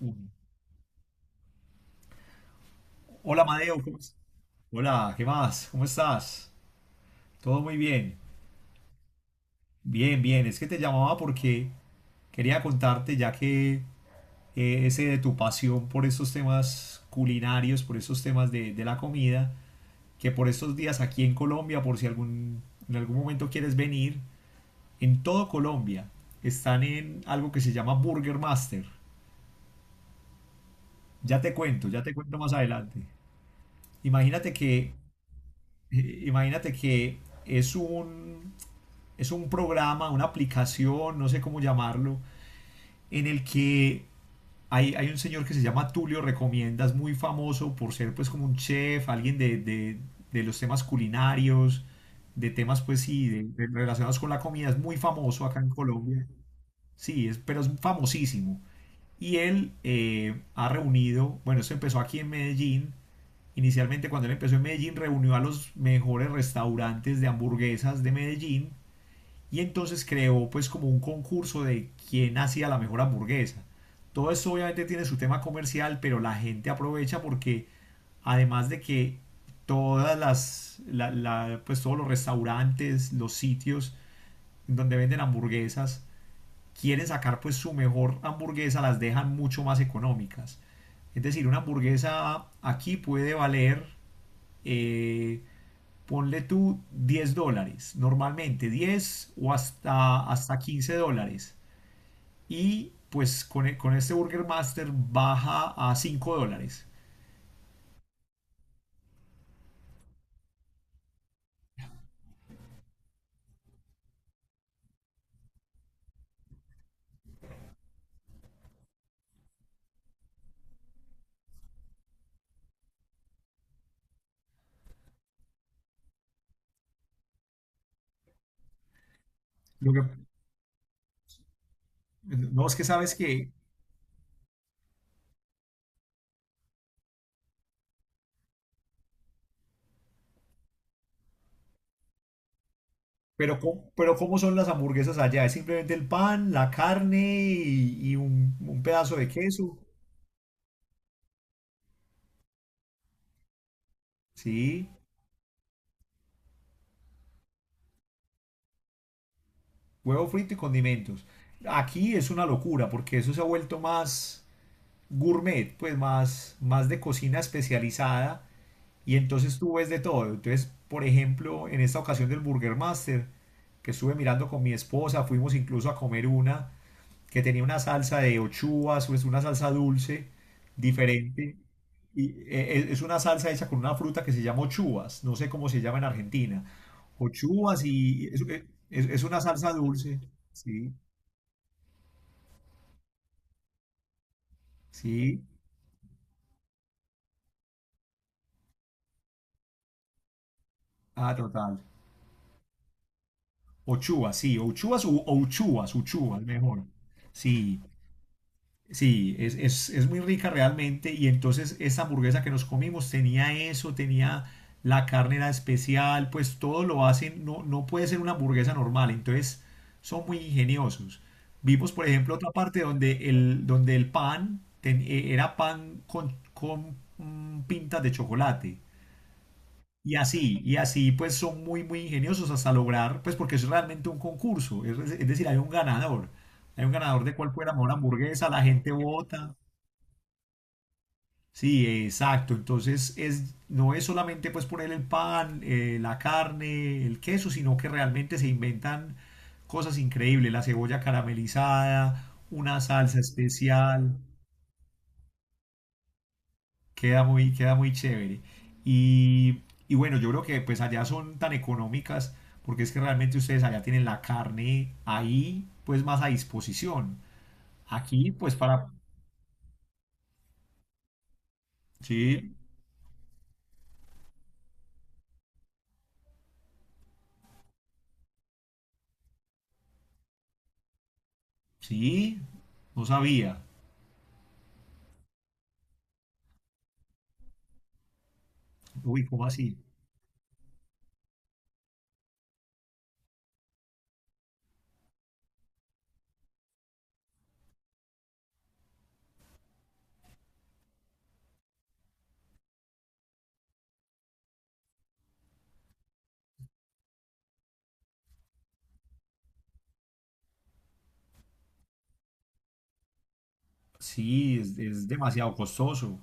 Un- Hola, Madeo, Hola, ¿qué más? ¿Cómo estás? Todo muy bien. Bien, bien. Es que te llamaba porque quería contarte, ya que ese de tu pasión por estos temas culinarios, por estos temas de la comida, que por estos días aquí en Colombia, por si algún, en algún momento quieres venir, en todo Colombia están en algo que se llama Burger Master. Ya te cuento más adelante. Imagínate que, imagínate que es un es un programa, una aplicación, no sé cómo llamarlo, en el que hay un señor que se llama Tulio Recomiendas, muy famoso por ser pues como un chef, de los temas culinarios, de temas pues sí, de relacionados con la comida, es muy famoso acá en Colombia, sí, es, pero es famosísimo. Y él ha reunido, bueno, esto empezó aquí en Medellín, inicialmente cuando él empezó en Medellín reunió a los mejores restaurantes de hamburguesas de Medellín y entonces creó pues como un concurso de quién hacía la mejor hamburguesa. Todo esto obviamente tiene su tema comercial, pero la gente aprovecha porque además de que todas las, la- la- pues todos los restaurantes, los sitios donde venden hamburguesas, quieren sacar pues su mejor hamburguesa, las dejan mucho más económicas. Es decir, una hamburguesa aquí puede valer eh, ponle tú $10, normalmente 10 o hasta $15. Y pues con este Burger Master baja a $5. Lo que, no es que sabes que, pero, pero ¿cómo son las hamburguesas allá? Es simplemente el pan, la carne y un pedazo de queso, ¿sí? Huevo frito y condimentos. Aquí es una locura porque eso se ha vuelto más gourmet, pues más, más de cocina especializada. Y entonces tú ves de todo. Entonces, por ejemplo, en esta ocasión del Burger Master, que estuve mirando con mi esposa, fuimos incluso a comer una que tenía una salsa de ochuas, o es una salsa dulce, diferente. Y es una salsa hecha con una fruta que se llama ochuas, no sé cómo se llama en Argentina. Ochuas y es una salsa dulce. Sí, sí. Ah, total. Ochuas, sí, ochuas u o uchuvas, uchuvas, mejor. Sí. Sí, es muy rica realmente. Y entonces esa hamburguesa que nos comimos tenía eso, tenía la carne era especial, pues todo lo hacen, no, no puede ser una hamburguesa normal. Entonces son muy ingeniosos. Vimos, por ejemplo, otra parte donde el pan era pan con pintas de chocolate. Y así pues son muy, muy ingeniosos hasta lograr, pues porque es realmente un concurso, es decir, hay un ganador de cuál fuera mejor hamburguesa, la gente vota. Sí, exacto. Entonces es, no es solamente pues poner el pan, la carne, el queso, sino que realmente se inventan cosas increíbles. La cebolla caramelizada, una salsa especial. Queda muy chévere. Y, y bueno, yo creo que pues allá son tan económicas porque es que realmente ustedes allá tienen la carne ahí pues más a disposición. Aquí pues para... Sí, sí, no sabía. Uy, ¿cómo así? Sí, es demasiado costoso.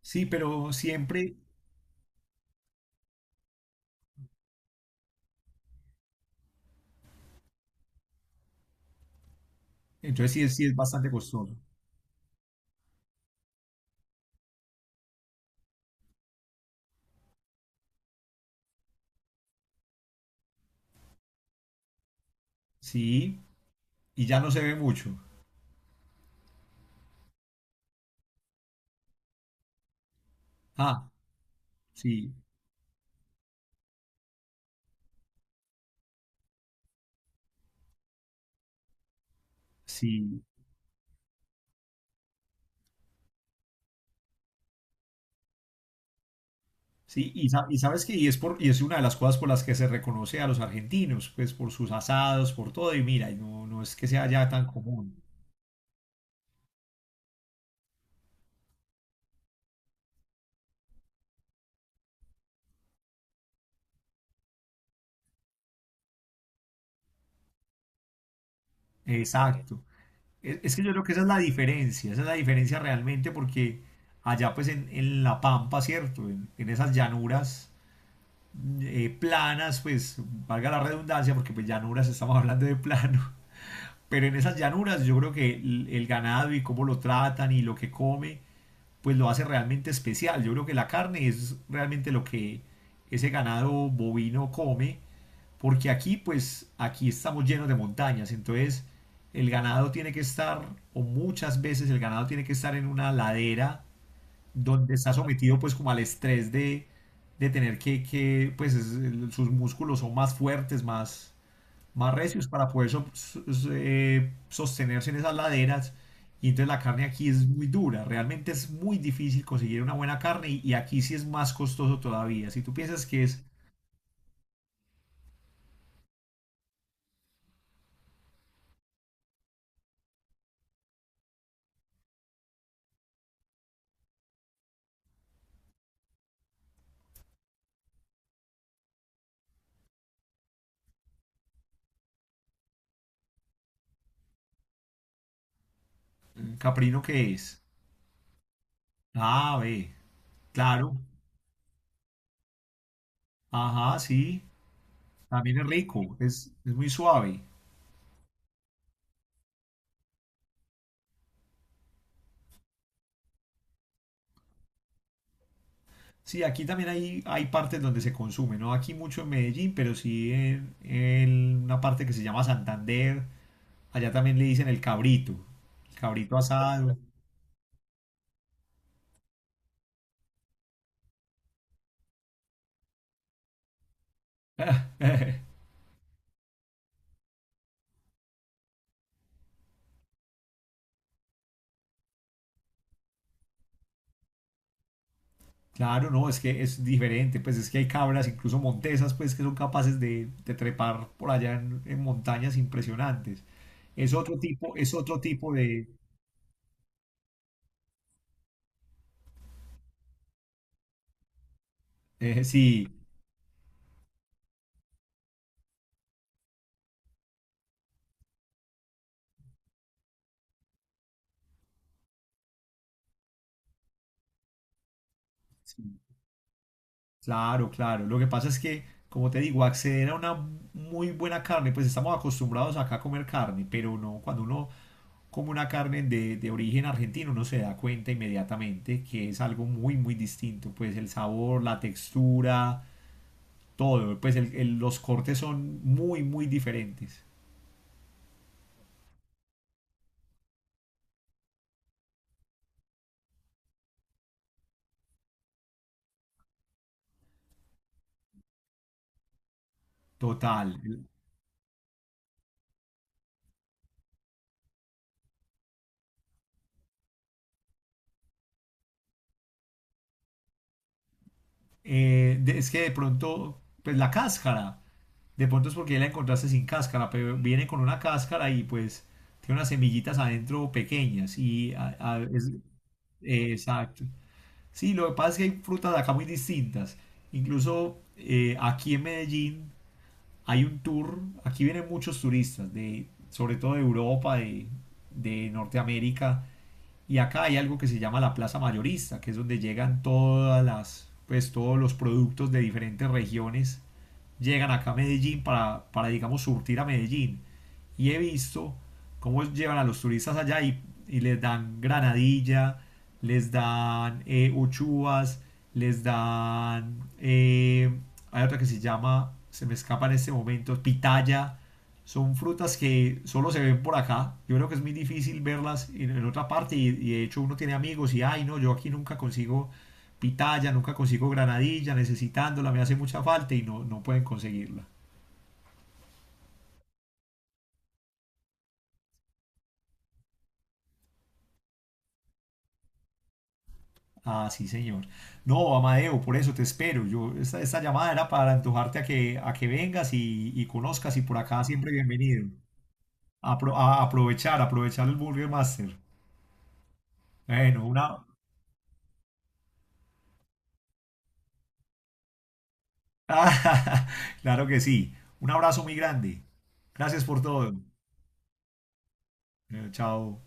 Sí, pero siempre, entonces sí, sí es bastante costoso. Sí, y ya no se ve mucho. Ah, sí, sí, sí. Y, y sabes que y es una de las cosas por las que se reconoce a los argentinos, pues por sus asados, por todo, y mira, y no, no es que sea ya tan común. Exacto. Es que yo creo que esa es la diferencia, esa es la diferencia realmente porque allá pues en La Pampa, ¿cierto? En esas llanuras planas, pues valga la redundancia, porque pues llanuras estamos hablando de plano, pero en esas llanuras yo creo que el ganado y cómo lo tratan y lo que come, pues lo hace realmente especial. Yo creo que la carne es realmente lo que ese ganado bovino come, porque aquí pues aquí estamos llenos de montañas, entonces el ganado tiene que estar, o muchas veces el ganado tiene que estar en una ladera donde está sometido pues como al estrés de tener que pues sus músculos son más fuertes, más, más recios para poder sostenerse en esas laderas. Y entonces la carne aquí es muy dura, realmente es muy difícil conseguir una buena carne y aquí sí es más costoso todavía. Si tú piensas que es mm, caprino, ¿qué es? Ah, ve, claro, ajá, sí, también es rico, es muy suave. Sí, aquí también hay partes donde se consume, no aquí mucho en Medellín, pero sí en una parte que se llama Santander. Allá también le dicen el cabrito asado. Claro, no, es que es diferente, pues es que hay cabras, incluso montesas, pues que son capaces de trepar por allá en montañas impresionantes. Es otro tipo de... sí. Claro, claro. Lo que pasa es que, como te digo, acceder a una muy buena carne, pues estamos acostumbrados acá a comer carne, pero no, cuando uno come una carne de origen argentino, uno se da cuenta inmediatamente que es algo muy, muy distinto. Pues el sabor, la textura, todo. Pues los cortes son muy, muy diferentes. Total. Es que de pronto, pues la cáscara, de pronto es porque ya la encontraste sin cáscara, pero viene con una cáscara y pues tiene unas semillitas adentro pequeñas y es, exacto. Sí, lo que pasa es que hay frutas acá muy distintas. Incluso aquí en Medellín hay un tour, aquí vienen muchos turistas, de, sobre todo de Europa, de Norteamérica, y acá hay algo que se llama la plaza mayorista, que es donde llegan pues todos los productos de diferentes regiones, llegan acá a Medellín para digamos, surtir a Medellín y he visto cómo llevan a los turistas allá y les dan granadilla, les dan uchuvas, les dan... hay otra que se llama, se me escapa en este momento, pitaya. Son frutas que solo se ven por acá. Yo creo que es muy difícil verlas en otra parte y de hecho uno tiene amigos y, ay, no, yo aquí nunca consigo pitaya, nunca consigo granadilla, necesitándola, me hace mucha falta y no, no pueden conseguirla. Ah, sí, señor. No, Amadeo, por eso te espero. Yo, esta llamada era para antojarte a a que vengas y conozcas y por acá siempre bienvenido. Apro- a aprovechar, aprovechar el Burger Master. Bueno, una... Ah, claro que sí. Un abrazo muy grande. Gracias por todo. Chao.